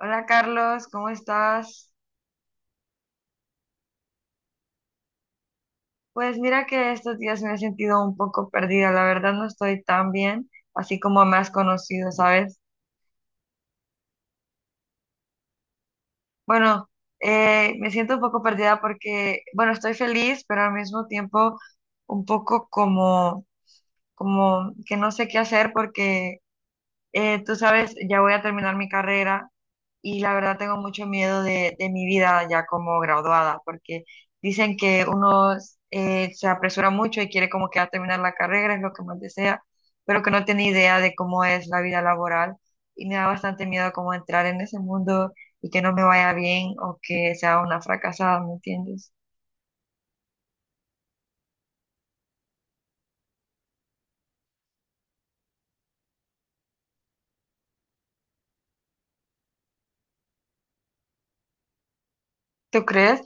Hola Carlos, ¿cómo estás? Pues mira que estos días me he sentido un poco perdida, la verdad no estoy tan bien, así como me has conocido, ¿sabes? Bueno, Me siento un poco perdida porque, bueno, estoy feliz, pero al mismo tiempo un poco como, como que no sé qué hacer porque tú sabes, ya voy a terminar mi carrera y la verdad tengo mucho miedo de mi vida ya como graduada, porque dicen que uno se apresura mucho y quiere como que a terminar la carrera, es lo que más desea, pero que no tiene idea de cómo es la vida laboral y me da bastante miedo como entrar en ese mundo y que no me vaya bien o que sea una fracasada, ¿me entiendes? ¿Tú crees?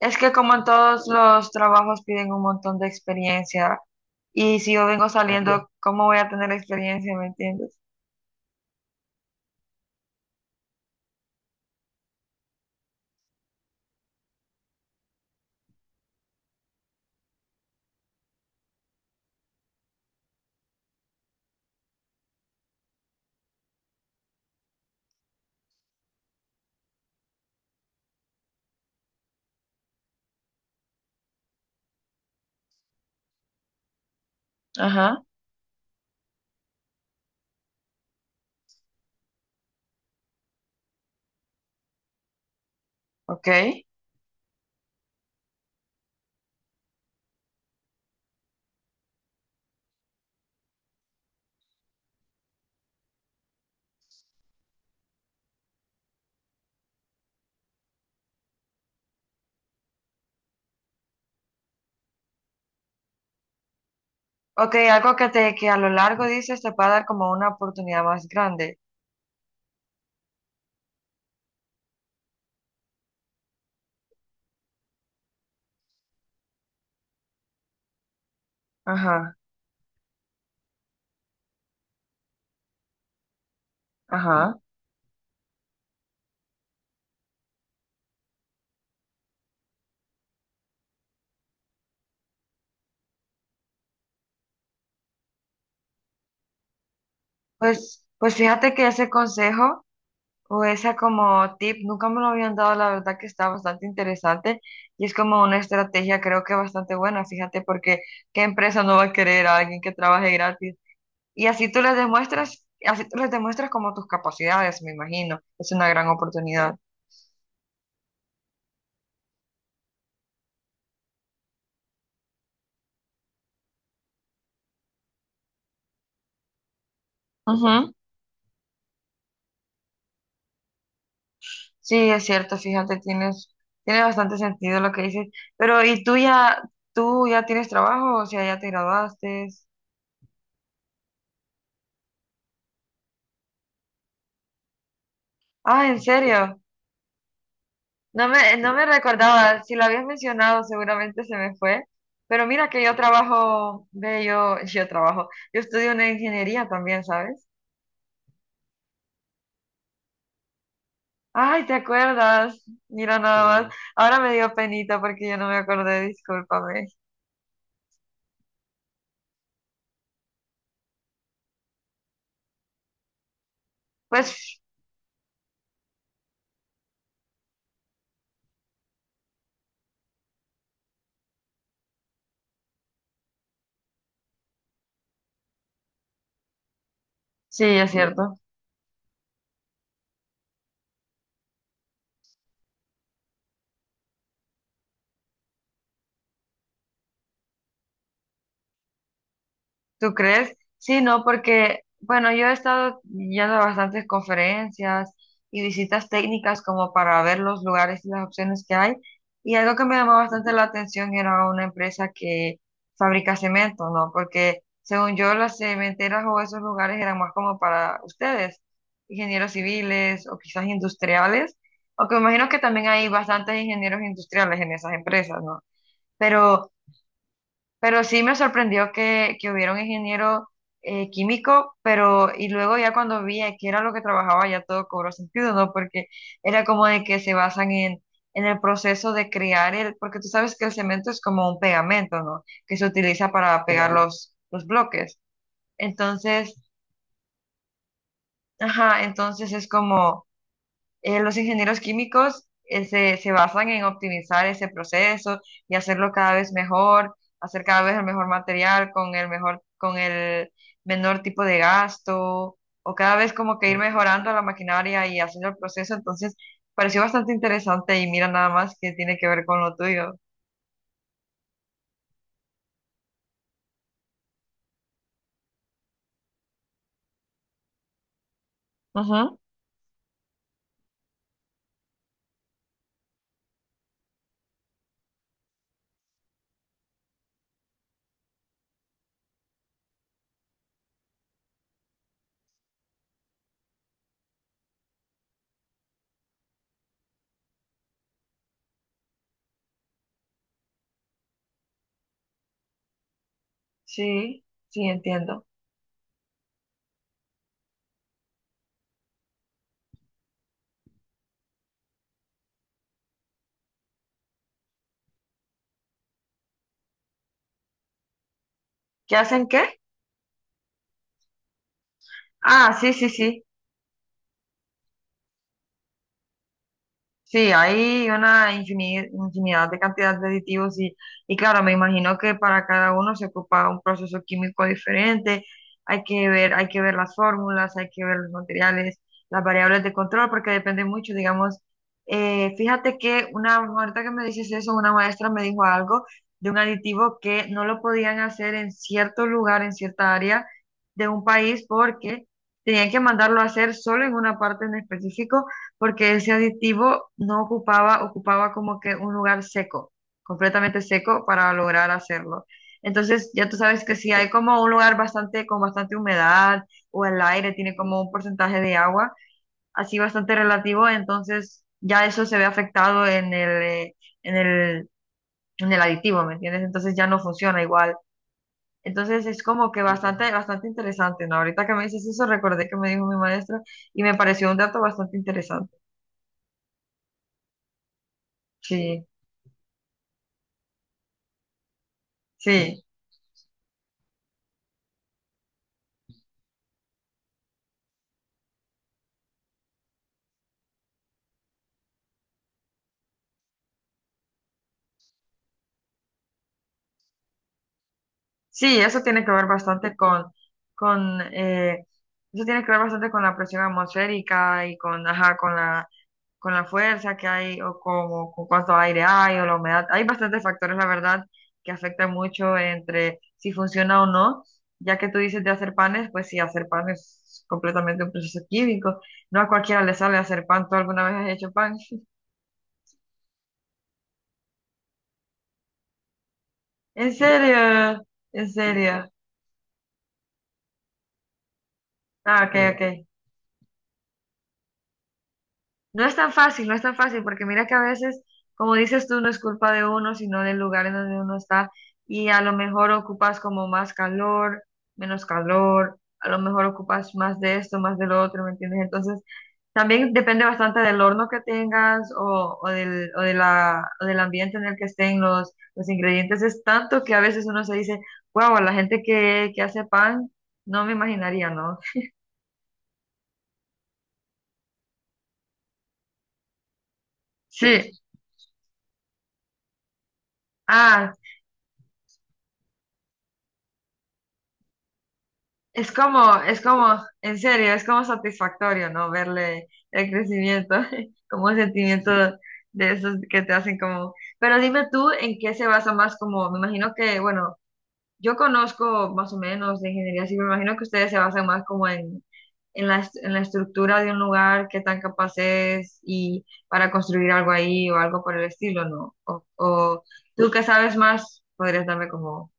Es que como en todos los trabajos piden un montón de experiencia y si yo vengo Obvio. Saliendo, ¿cómo voy a tener experiencia? ¿Me entiendes? Ajá, ok. Ok, algo que te que a lo largo dices te puede dar como una oportunidad más grande. Ajá, ajá. Pues, pues fíjate que ese consejo o esa como tip nunca me lo habían dado, la verdad que está bastante interesante y es como una estrategia creo que bastante buena, fíjate, porque ¿qué empresa no va a querer a alguien que trabaje gratis? Y así tú les demuestras, así tú les demuestras como tus capacidades, me imagino. Es una gran oportunidad. Ujú. Sí, es cierto, fíjate, tienes, tiene bastante sentido lo que dices. Pero, ¿y tú ya tienes trabajo? O sea, ya te graduaste. Ah, ¿en serio? No me recordaba, si lo habías mencionado, seguramente se me fue. Pero mira que yo trabajo, ve, yo, yo trabajo, yo estudio una ingeniería también, ¿sabes? Ay, ¿te acuerdas? Mira nada Sí. más. Sí. Ahora me dio penita porque yo no me acordé, discúlpame. Pues sí, es cierto. ¿Tú crees? Sí, no, porque, bueno, yo he estado yendo a bastantes conferencias y visitas técnicas como para ver los lugares y las opciones que hay. Y algo que me llamó bastante la atención era una empresa que fabrica cemento, ¿no? Porque según yo, las cementeras o esos lugares eran más como para ustedes, ingenieros civiles o quizás industriales, aunque me imagino que también hay bastantes ingenieros industriales en esas empresas, ¿no? Pero... Pero sí me sorprendió que hubiera un ingeniero químico, pero y luego ya cuando vi a qué era lo que trabajaba ya todo cobró sentido, ¿no? Porque era como de que se basan en el proceso de crear el, porque tú sabes que el cemento es como un pegamento, ¿no? Que se utiliza para pegar Claro. Los bloques. Entonces, ajá, entonces es como los ingenieros químicos se basan en optimizar ese proceso y hacerlo cada vez mejor, hacer cada vez el mejor material con el mejor, con el menor tipo de gasto, o cada vez como que ir mejorando la maquinaria y haciendo el proceso. Entonces, pareció bastante interesante y mira nada más que tiene que ver con lo tuyo. Ujú, sí, sí, entiendo. ¿Qué hacen qué? Ah, sí, sí, sí. Sí, hay una infini- infinidad de cantidad de aditivos y claro, me imagino que para cada uno se ocupa un proceso químico diferente, hay que ver las fórmulas, hay que ver los materiales, las variables de control, porque depende mucho, digamos, fíjate que una, ahorita que me dices eso, una maestra me dijo algo de un aditivo que no lo podían hacer en cierto lugar, en cierta área de un país, porque tenían que mandarlo a hacer solo en una parte en específico porque ese aditivo no ocupaba, ocupaba como que un lugar seco, completamente seco para lograr hacerlo. Entonces, ya tú sabes que si hay como un lugar bastante, con bastante humedad o el aire tiene como un porcentaje de agua, así bastante relativo, entonces ya eso se ve afectado en en el, en el aditivo, ¿me entiendes? Entonces ya no funciona igual. Entonces es como que bastante, bastante interesante, ¿no? Ahorita que me dices eso, recordé que me dijo mi maestra y me pareció un dato bastante interesante. Sí, sí. Sí, eso tiene que ver bastante con, con eh, eso tiene que ver bastante con la presión atmosférica y con, ajá, con la fuerza que hay o como, con cuánto aire hay o la humedad. Hay bastantes factores, la verdad, que afectan mucho entre si funciona o no. Ya que tú dices de hacer panes, pues sí, hacer pan es completamente un proceso químico. No a cualquiera le sale hacer pan. ¿Tú alguna vez has hecho pan? ¿En serio? ¿En serio? Ah, ok, ok. No es tan fácil, no es tan fácil, porque mira que a veces, como dices tú, no es culpa de uno, sino del lugar en donde uno está, y a lo mejor ocupas como más calor, menos calor, a lo mejor ocupas más de esto, más de lo otro, ¿me entiendes? Entonces, también depende bastante del horno que tengas o del, o de la, o del ambiente en el que estén los ingredientes. Es tanto que a veces uno se dice, wow, la gente que hace pan, no me imaginaría, ¿no? Sí. Ah, es como, es como, en serio, es como satisfactorio, ¿no? Verle el crecimiento, como un sentimiento de esos que te hacen como... Pero dime tú, ¿en qué se basa más como, me imagino que, bueno, yo conozco más o menos de ingeniería civil, me imagino que ustedes se basan más como en, est- en la estructura de un lugar, qué tan capaz es y para construir algo ahí o algo por el estilo, ¿no? O tú que sabes más, podrías darme como,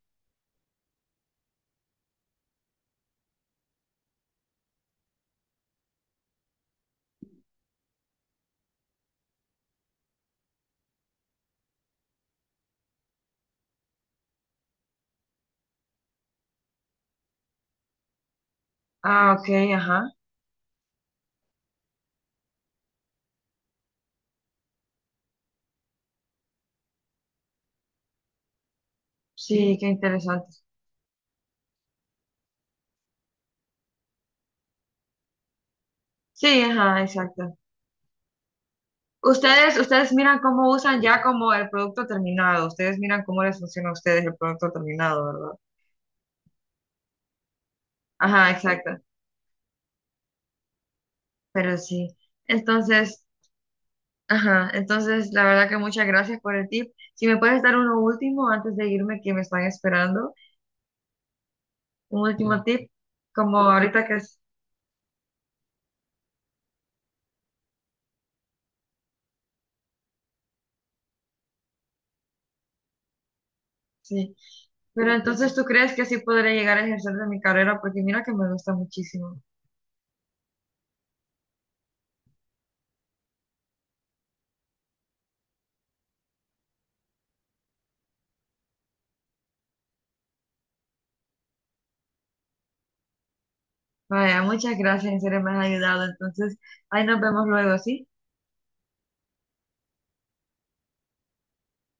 ah, ok, ajá, sí, qué interesante. Sí, ajá, exacto. Ustedes, ustedes miran cómo usan ya como el producto terminado. Ustedes miran cómo les funciona a ustedes el producto terminado, ¿verdad? Ajá, exacto. Pero sí. Entonces, ajá, entonces la verdad que muchas gracias por el tip. Si me puedes dar uno último antes de irme, que me están esperando. Un último Claro. tip, como ahorita que es- sí. Pero entonces, ¿tú crees que así podré llegar a ejercer de mi carrera? Porque mira que me gusta muchísimo. Vaya, muchas gracias, en serio me has ayudado. Entonces, ahí nos vemos luego, ¿sí?